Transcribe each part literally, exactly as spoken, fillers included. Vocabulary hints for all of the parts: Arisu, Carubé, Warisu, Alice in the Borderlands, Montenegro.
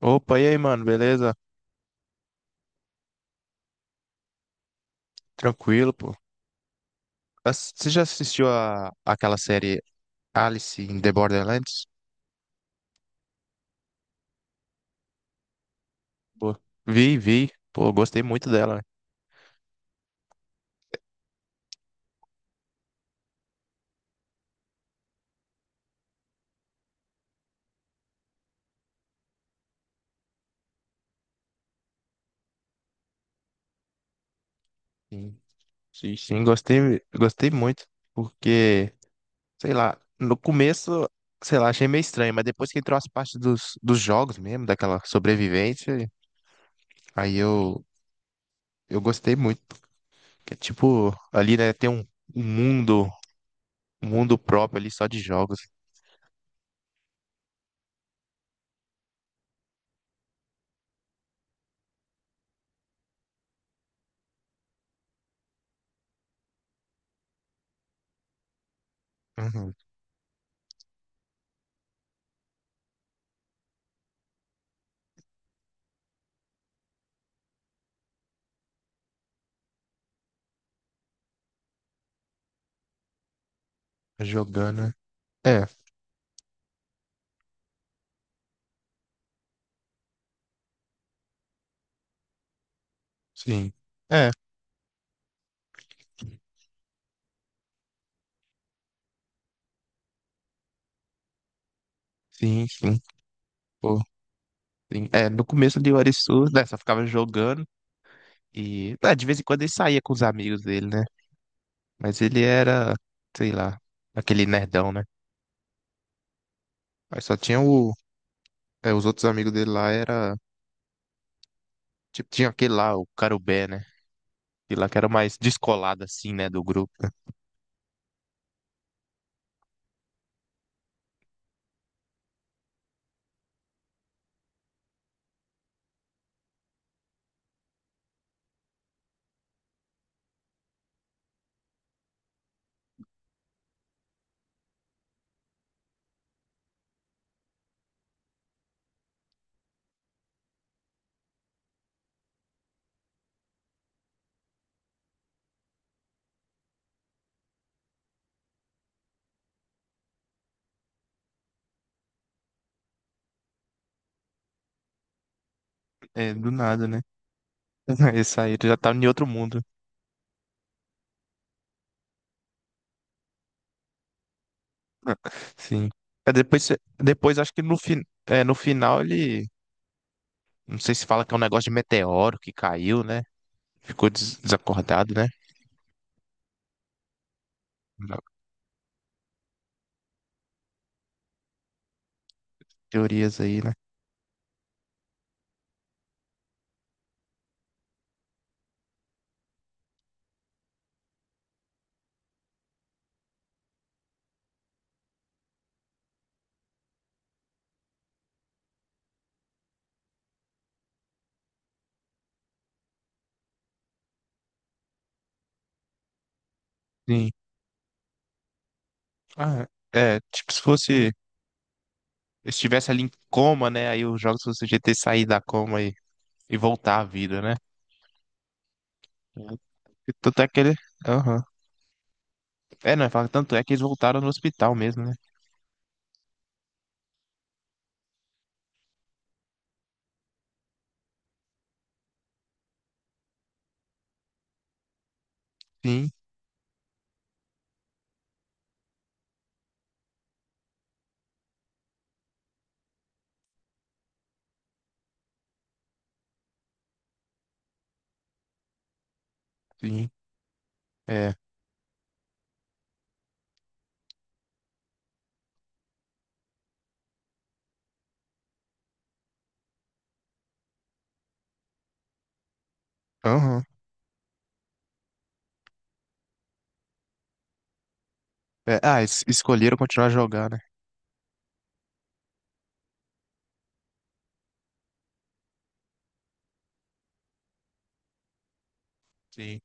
Opa, e aí, mano, beleza? Tranquilo, pô. Ass- Você já assistiu a, aquela série Alice in the Borderlands? Pô, vi, vi. Pô, gostei muito dela, né? Sim, sim, sim, gostei, gostei muito, porque sei lá, no começo, sei lá, achei meio estranho, mas depois que entrou as partes dos, dos jogos mesmo, daquela sobrevivência, aí eu, eu gostei muito. Que é tipo, ali, né, tem um, um mundo, um mundo próprio ali só de jogos. Uhum. Jogando, né? É, sim. É, sim, sim. Pô, sim. É, no começo de Warisu, né, só ficava jogando e, ah, de vez em quando ele saía com os amigos dele, né? Mas ele era, sei lá, aquele nerdão, né? Mas só tinha o, é, os outros amigos dele lá era. Tipo, tinha aquele lá, o Carubé, né? Aquele lá que era mais descolado, assim, né, do grupo. É, do nada, né? Esse aí ele já tava em outro mundo. Sim. É, depois, cê- depois acho que no, fin... é, no final ele. Não sei se fala que é um negócio de meteoro que caiu, né? Ficou des- desacordado, né? Teorias aí, né? Sim. Ah, é, tipo, se fosse. Se estivesse ali em coma, né? Aí os jogos fosse o G T sair da coma e, e voltar à vida, né? É, tanto é que ele. Aham. É, não, fala- tanto é que eles voltaram no hospital mesmo, né? Sim, sim. É. Aham. É, ah, es- escolheram continuar a jogar, né? Sim.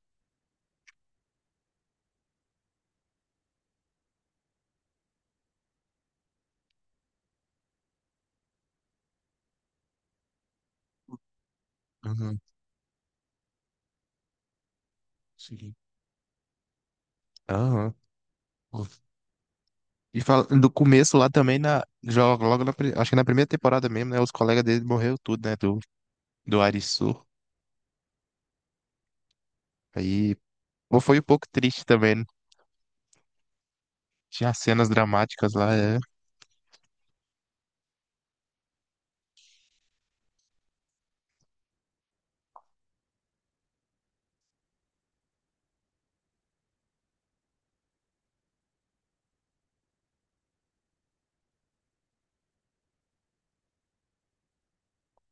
Aham. Sim. Aham. Pô. E fala, do começo lá também, na, joga logo na, pri- acho que na primeira temporada mesmo, né? Os colegas dele morreram tudo, né? Do, do Arisu. Aí, pô, foi um pouco triste também, né? Tinha cenas dramáticas lá, é.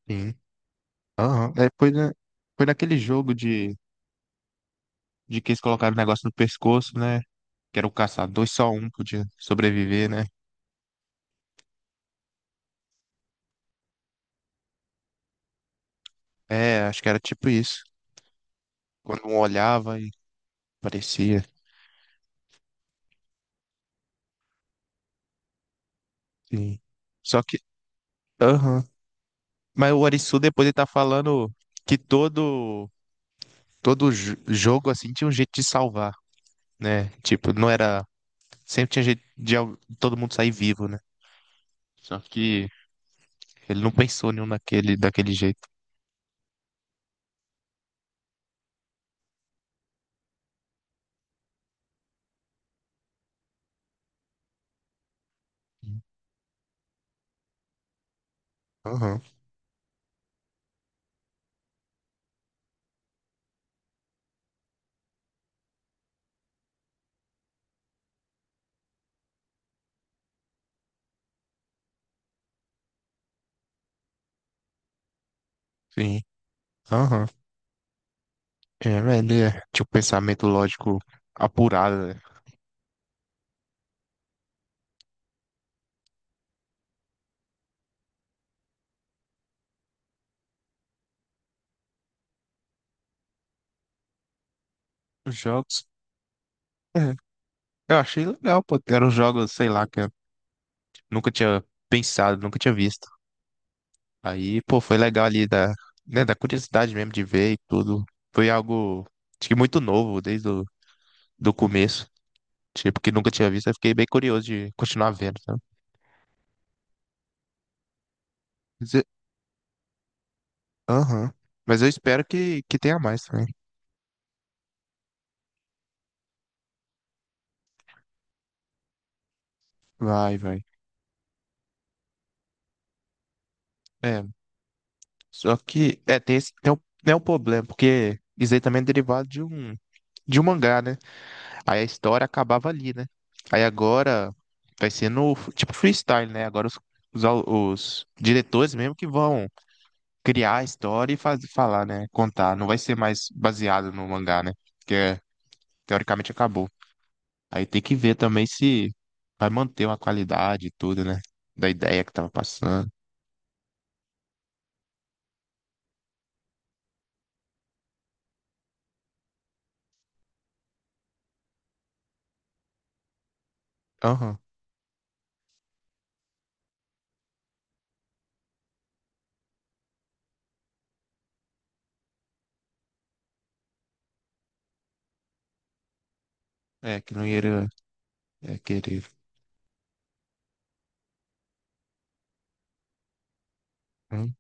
Sim. Aham. É, foi, na- foi naquele jogo de, de que eles colocaram o negócio no pescoço, né? Que era o caçador, e só um podia sobreviver, né? É, acho que era tipo isso. Quando um olhava e parecia. Sim. Só que, aham. Mas o Arisu depois ele tá falando que todo todo jo- jogo assim tinha um jeito de salvar, né? Tipo, não era, sempre tinha jeito de al- todo mundo sair vivo, né? Só que ele não pensou nenhum daquele daquele jeito. Aham. Sim. Aham. É, velho, ele é- tinha um pensamento lógico apurado, né? Os jogos. É, eu achei legal, pô. Eram jogos, sei lá, que nunca tinha pensado, nunca tinha visto. Aí, pô, foi legal ali da, né, da curiosidade mesmo de ver e tudo. Foi algo, acho que muito novo desde o do começo. Tipo, que nunca tinha visto. Eu fiquei bem curioso de continuar vendo, sabe? Mas eu- Aham. Mas eu espero que, que tenha mais também. Vai, vai. É, só que, é, tem esse, tem o, tem o problema, porque isso aí também é derivado de um, de um mangá, né? Aí a história acabava ali, né? Aí agora vai ser no f- tipo freestyle, né? Agora os, os, au- os diretores mesmo que vão criar a história e faz, falar, né? Contar. Não vai ser mais baseado no mangá, né? Porque é, teoricamente acabou. Aí tem que ver também se vai manter uma qualidade e tudo, né? Da ideia que tava passando. Aham. É, que não ia é, querer. Hum,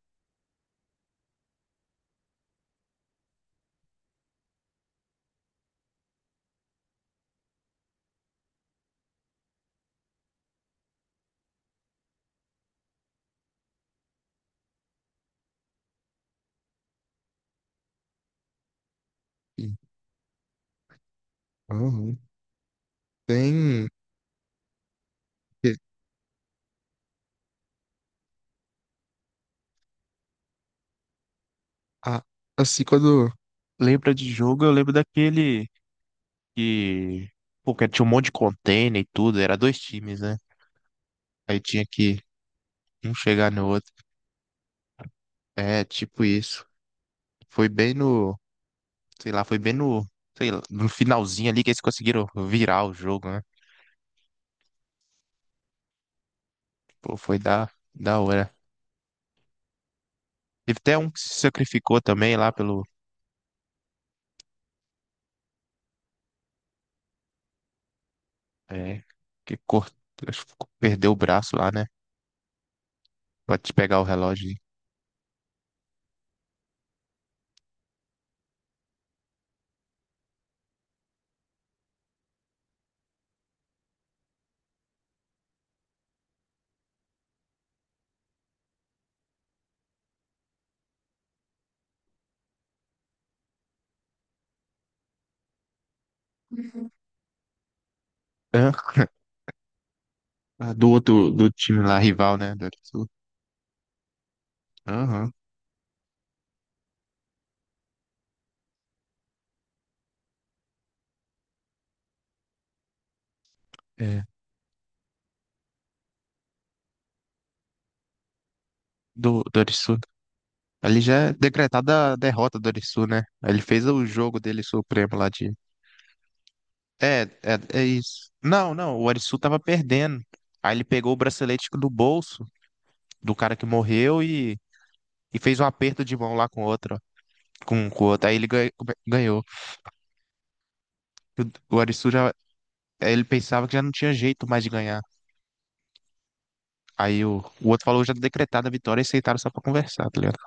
sim. Aham. Tem. Ah, assim, quando lembra de jogo, eu lembro daquele. Que, pô, que tinha um monte de container e tudo, era dois times, né? Aí tinha que um chegar no outro. É, tipo isso. Foi bem no, sei lá, foi bem no, sei lá, no finalzinho ali que eles conseguiram virar o jogo, né? Pô, foi da, da hora. Teve até um que se sacrificou também lá pelo, é, que cortou, perdeu o braço lá, né? Pode pegar o relógio. Hã? Ah, do outro, do time lá, rival, né? Do Arisul. Aham. É. Do, do Arisul. Ali já é decretada a derrota do Arisu, né? Ele fez o jogo dele supremo lá de. É, é, é isso. Não, não, o Arisu tava perdendo. Aí ele pegou o bracelete do bolso do cara que morreu e, e fez um aperto de mão lá com o outro, ó, com, com o outro. Aí ele ganha- ganhou. O, o Arisu já. Ele pensava que já não tinha jeito mais de ganhar. Aí o, o outro falou já decretada a vitória e aceitaram só pra conversar, tá ligado?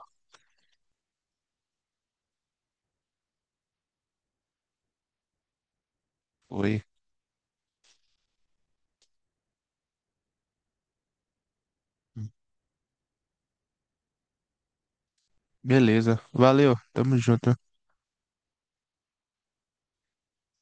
Foi. Beleza. Valeu. Tamo junto.